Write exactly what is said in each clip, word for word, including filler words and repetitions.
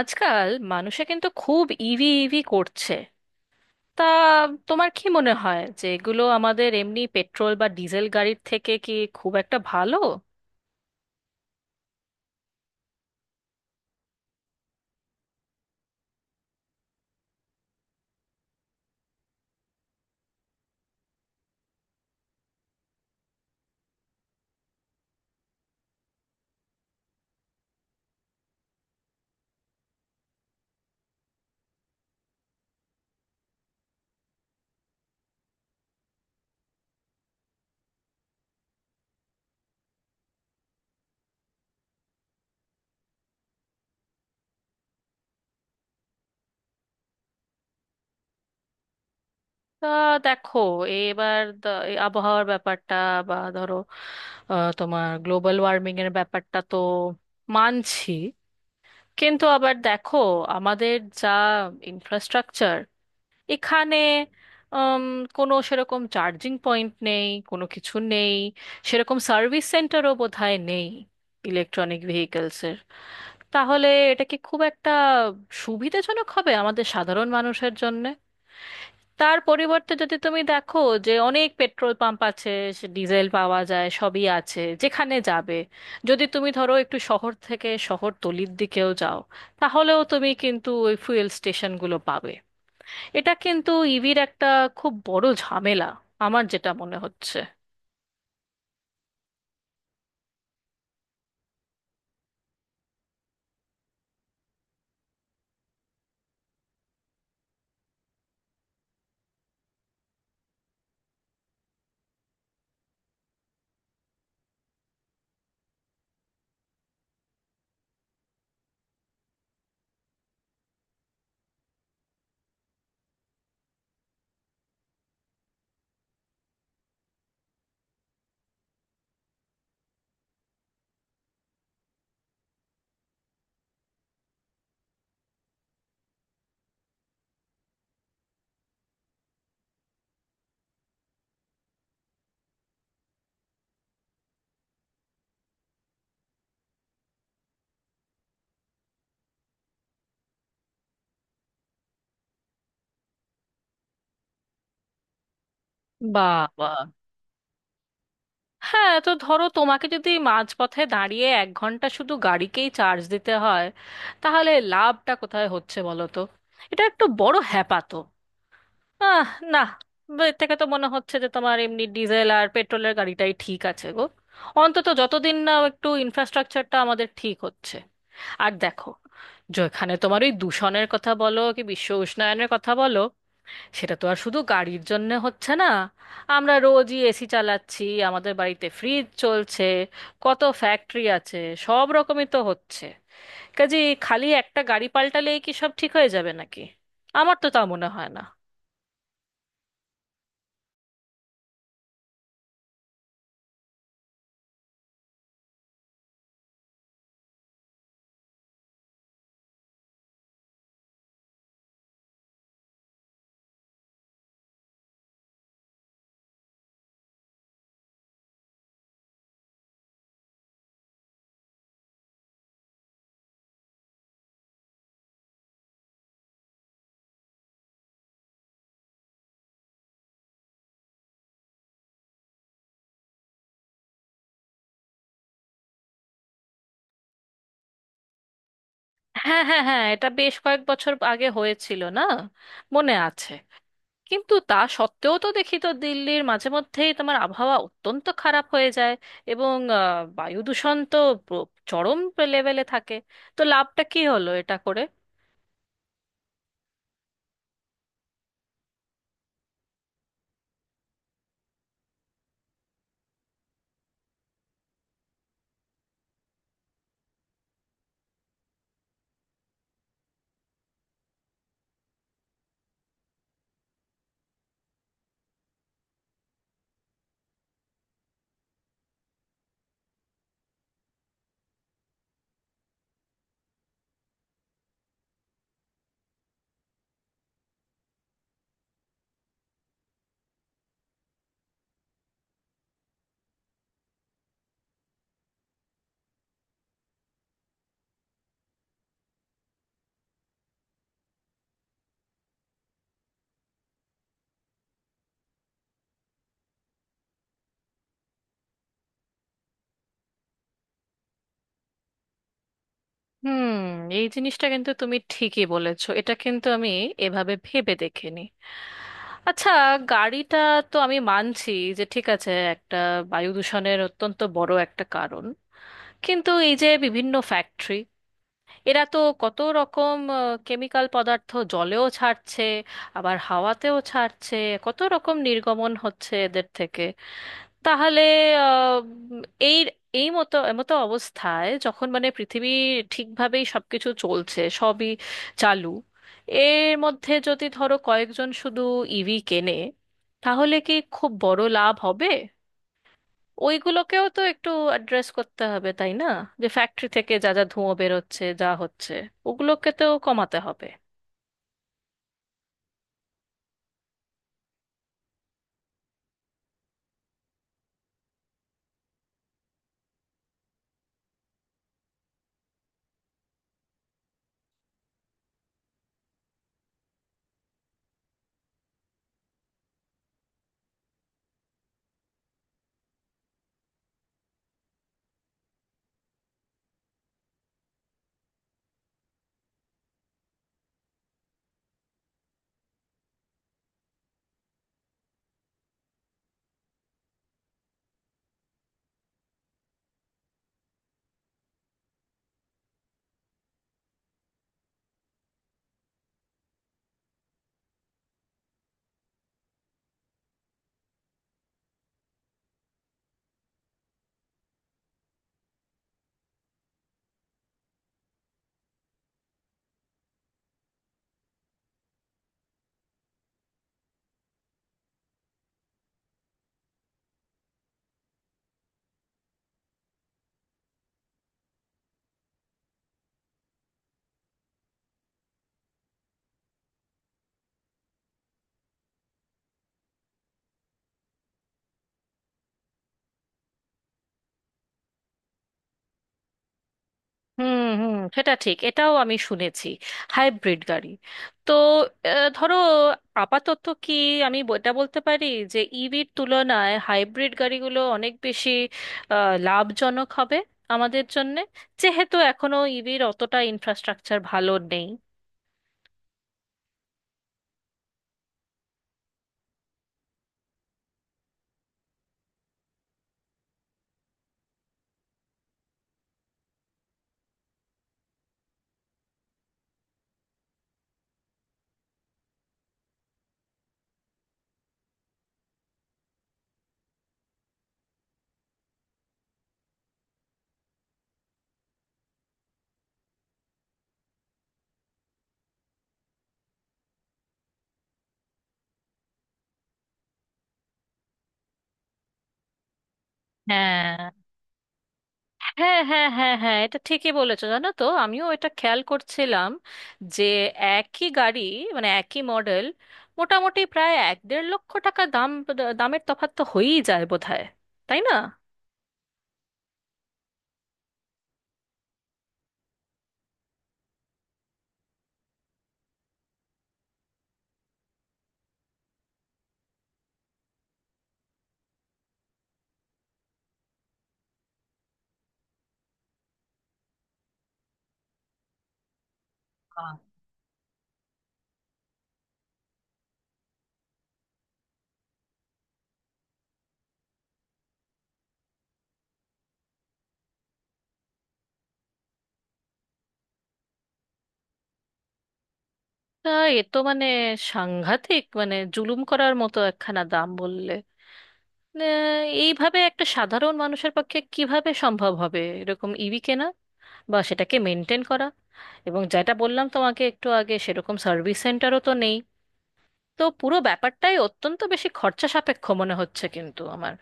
আজকাল মানুষে কিন্তু খুব ইভি ইভি করছে। তা তোমার কি মনে হয় যে এগুলো আমাদের এমনি পেট্রোল বা ডিজেল গাড়ির থেকে কি খুব একটা ভালো? তা দেখো, এবার দ- এই আবহাওয়ার ব্যাপারটা, বা ধরো আহ, তোমার গ্লোবাল ওয়ার্মিং এর ব্যাপারটা তো মানছি, কিন্তু আবার দেখো আমাদের যা ইনফ্রাস্ট্রাকচার এখানে, উম, কোনো সেরকম চার্জিং পয়েন্ট নেই, কোনো কিছু নেই। সেরকম সার্ভিস সেন্টারও বোধহয় নেই ইলেকট্রনিক ভেহিকেলসের। তাহলে এটা কি খুব একটা সুবিধাজনক হবে আমাদের সাধারণ মানুষের জন্য? তার পরিবর্তে যদি তুমি দেখো, যে অনেক পেট্রোল পাম্প আছে, সে ডিজেল পাওয়া যায়, সবই আছে যেখানে যাবে। যদি তুমি ধরো একটু শহর থেকে শহরতলির দিকেও যাও, তাহলেও তুমি কিন্তু ওই ফুয়েল স্টেশনগুলো পাবে। এটা কিন্তু ইভির একটা খুব বড় ঝামেলা আমার যেটা মনে হচ্ছে। বাবা! হ্যাঁ, তো ধরো তোমাকে যদি মাঝপথে দাঁড়িয়ে এক ঘন্টা শুধু গাড়িকেই চার্জ দিতে হয়, তাহলে লাভটা কোথায় হচ্ছে বলো তো? এটা একটু বড় হ্যাপা তো। আহ না, এর থেকে তো মনে হচ্ছে যে তোমার এমনি ডিজেল আর পেট্রোলের গাড়িটাই ঠিক আছে গো, অন্তত যতদিন না একটু ইনফ্রাস্ট্রাকচারটা আমাদের ঠিক হচ্ছে। আর দেখো, যেখানে তোমার ওই দূষণের কথা বলো কি বিশ্ব উষ্ণায়নের কথা বলো, সেটা তো আর শুধু গাড়ির জন্য হচ্ছে না। আমরা রোজই এসি চালাচ্ছি, আমাদের বাড়িতে ফ্রিজ চলছে, কত ফ্যাক্টরি আছে, সব রকমই তো হচ্ছে কাজে। খালি একটা গাড়ি পাল্টালেই কি সব ঠিক হয়ে যাবে নাকি? আমার তো তা মনে হয় না। হ্যাঁ হ্যাঁ হ্যাঁ, এটা বেশ কয়েক বছর আগে হয়েছিল না? মনে আছে। কিন্তু তা সত্ত্বেও তো দেখি তো দিল্লির মাঝে মধ্যেই তোমার আবহাওয়া অত্যন্ত খারাপ হয়ে যায়, এবং আহ, বায়ু দূষণ তো প্র- চরম লেভেলে থাকে। তো লাভটা কি হলো এটা করে? হুম, এই জিনিসটা কিন্তু তুমি ঠিকই বলেছো, এটা কিন্তু আমি এভাবে ভেবে দেখিনি। আচ্ছা, গাড়িটা তো আমি মানছি যে ঠিক আছে, একটা বায়ু দূষণের অত্যন্ত বড় একটা কারণ। কিন্তু এই যে বিভিন্ন ফ্যাক্টরি, এরা তো কত রকম কেমিক্যাল পদার্থ জলেও ছাড়ছে, আবার হাওয়াতেও ছাড়ছে, কত রকম নির্গমন হচ্ছে এদের থেকে। তাহলে আহ, এই এই মতো মতো অবস্থায় যখন মানে পৃথিবী ঠিকভাবেই সবকিছু চলছে, সবই চালু, এর মধ্যে যদি ধরো কয়েকজন শুধু ইভি কেনে, তাহলে কি খুব বড় লাভ হবে? ওইগুলোকেও তো একটু অ্যাড্রেস করতে হবে তাই না? যে ফ্যাক্টরি থেকে যা যা ধুঁয়ো বেরোচ্ছে, যা হচ্ছে, ওগুলোকে তো কমাতে হবে। হুম হুম, সেটা ঠিক, এটাও আমি শুনেছি, হাইব্রিড গাড়ি। তো আহ, ধরো আপাতত কি আমি ব- এটা বলতে পারি যে ইভির তুলনায় হাইব্রিড গাড়িগুলো অনেক বেশি আহ, লাভজনক হবে আমাদের জন্যে, যেহেতু এখনো ইভির অতটা ইনফ্রাস্ট্রাকচার ভালো নেই। হ্যাঁ হ্যাঁ হ্যাঁ হ্যাঁ হ্যাঁ, এটা ঠিকই বলেছো, জানো তো আমিও এটা খেয়াল করছিলাম যে একই গাড়ি, মানে একই মডেল, মোটামুটি প্রায় এক দেড় লক্ষ টাকা দাম, দামের তফাৎ তো হয়েই যায় বোধহয়, তাই না? আহ, তা এ তো মানে সাংঘাতিক, মানে জুলুম করার মতো একখানা দাম বললে। না, এইভাবে একটা সাধারণ মানুষের পক্ষে কিভাবে সম্ভব হবে এরকম ইভি কেনা বা সেটাকে মেনটেন করা? এবং যেটা বললাম তোমাকে একটু আগে, সেরকম সার্ভিস সেন্টারও তো নেই। তো পুরো ব্যাপারটাই অত্যন্ত বেশি খরচা সাপেক্ষ মনে হচ্ছে কিন্তু আমার।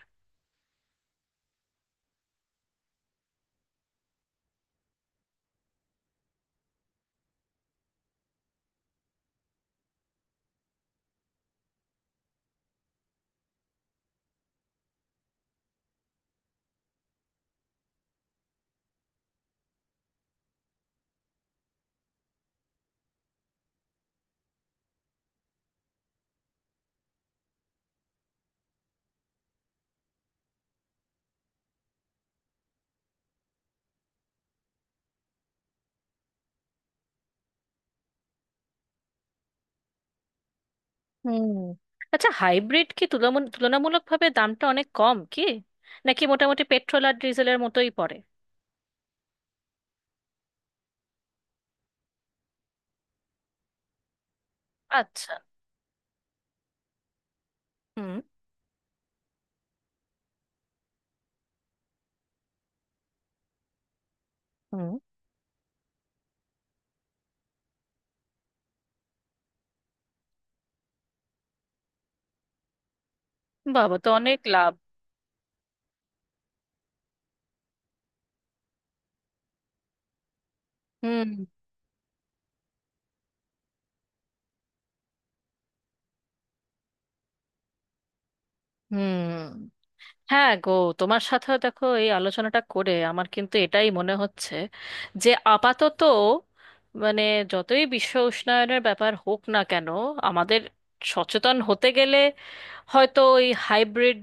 হুম। আচ্ছা হাইব্রিড কি তুলমূল- তুলনামূলকভাবে দামটা অনেক কম, কি নাকি মোটামুটি পেট্রোল আর ডিজেলের মতোই পড়ে? আচ্ছা। হুম হুম। বাবা, তো অনেক লাভ। হুম হুম, হ্যাঁ গো, তোমার সাথে দেখো এই আলোচনাটা করে আমার কিন্তু এটাই মনে হচ্ছে যে আপাতত, মানে যতই বিশ্ব উষ্ণায়নের ব্যাপার হোক না কেন, আমাদের সচেতন হতে গেলে হয়তো ওই হাইব্রিড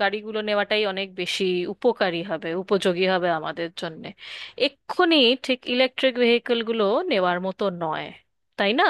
গাড়িগুলো নেওয়াটাই অনেক বেশি উপকারী হবে, উপযোগী হবে আমাদের জন্যে এক্ষুনি। ঠিক ইলেকট্রিক ভেহিকলগুলো নেওয়ার মতো নয়, তাই না?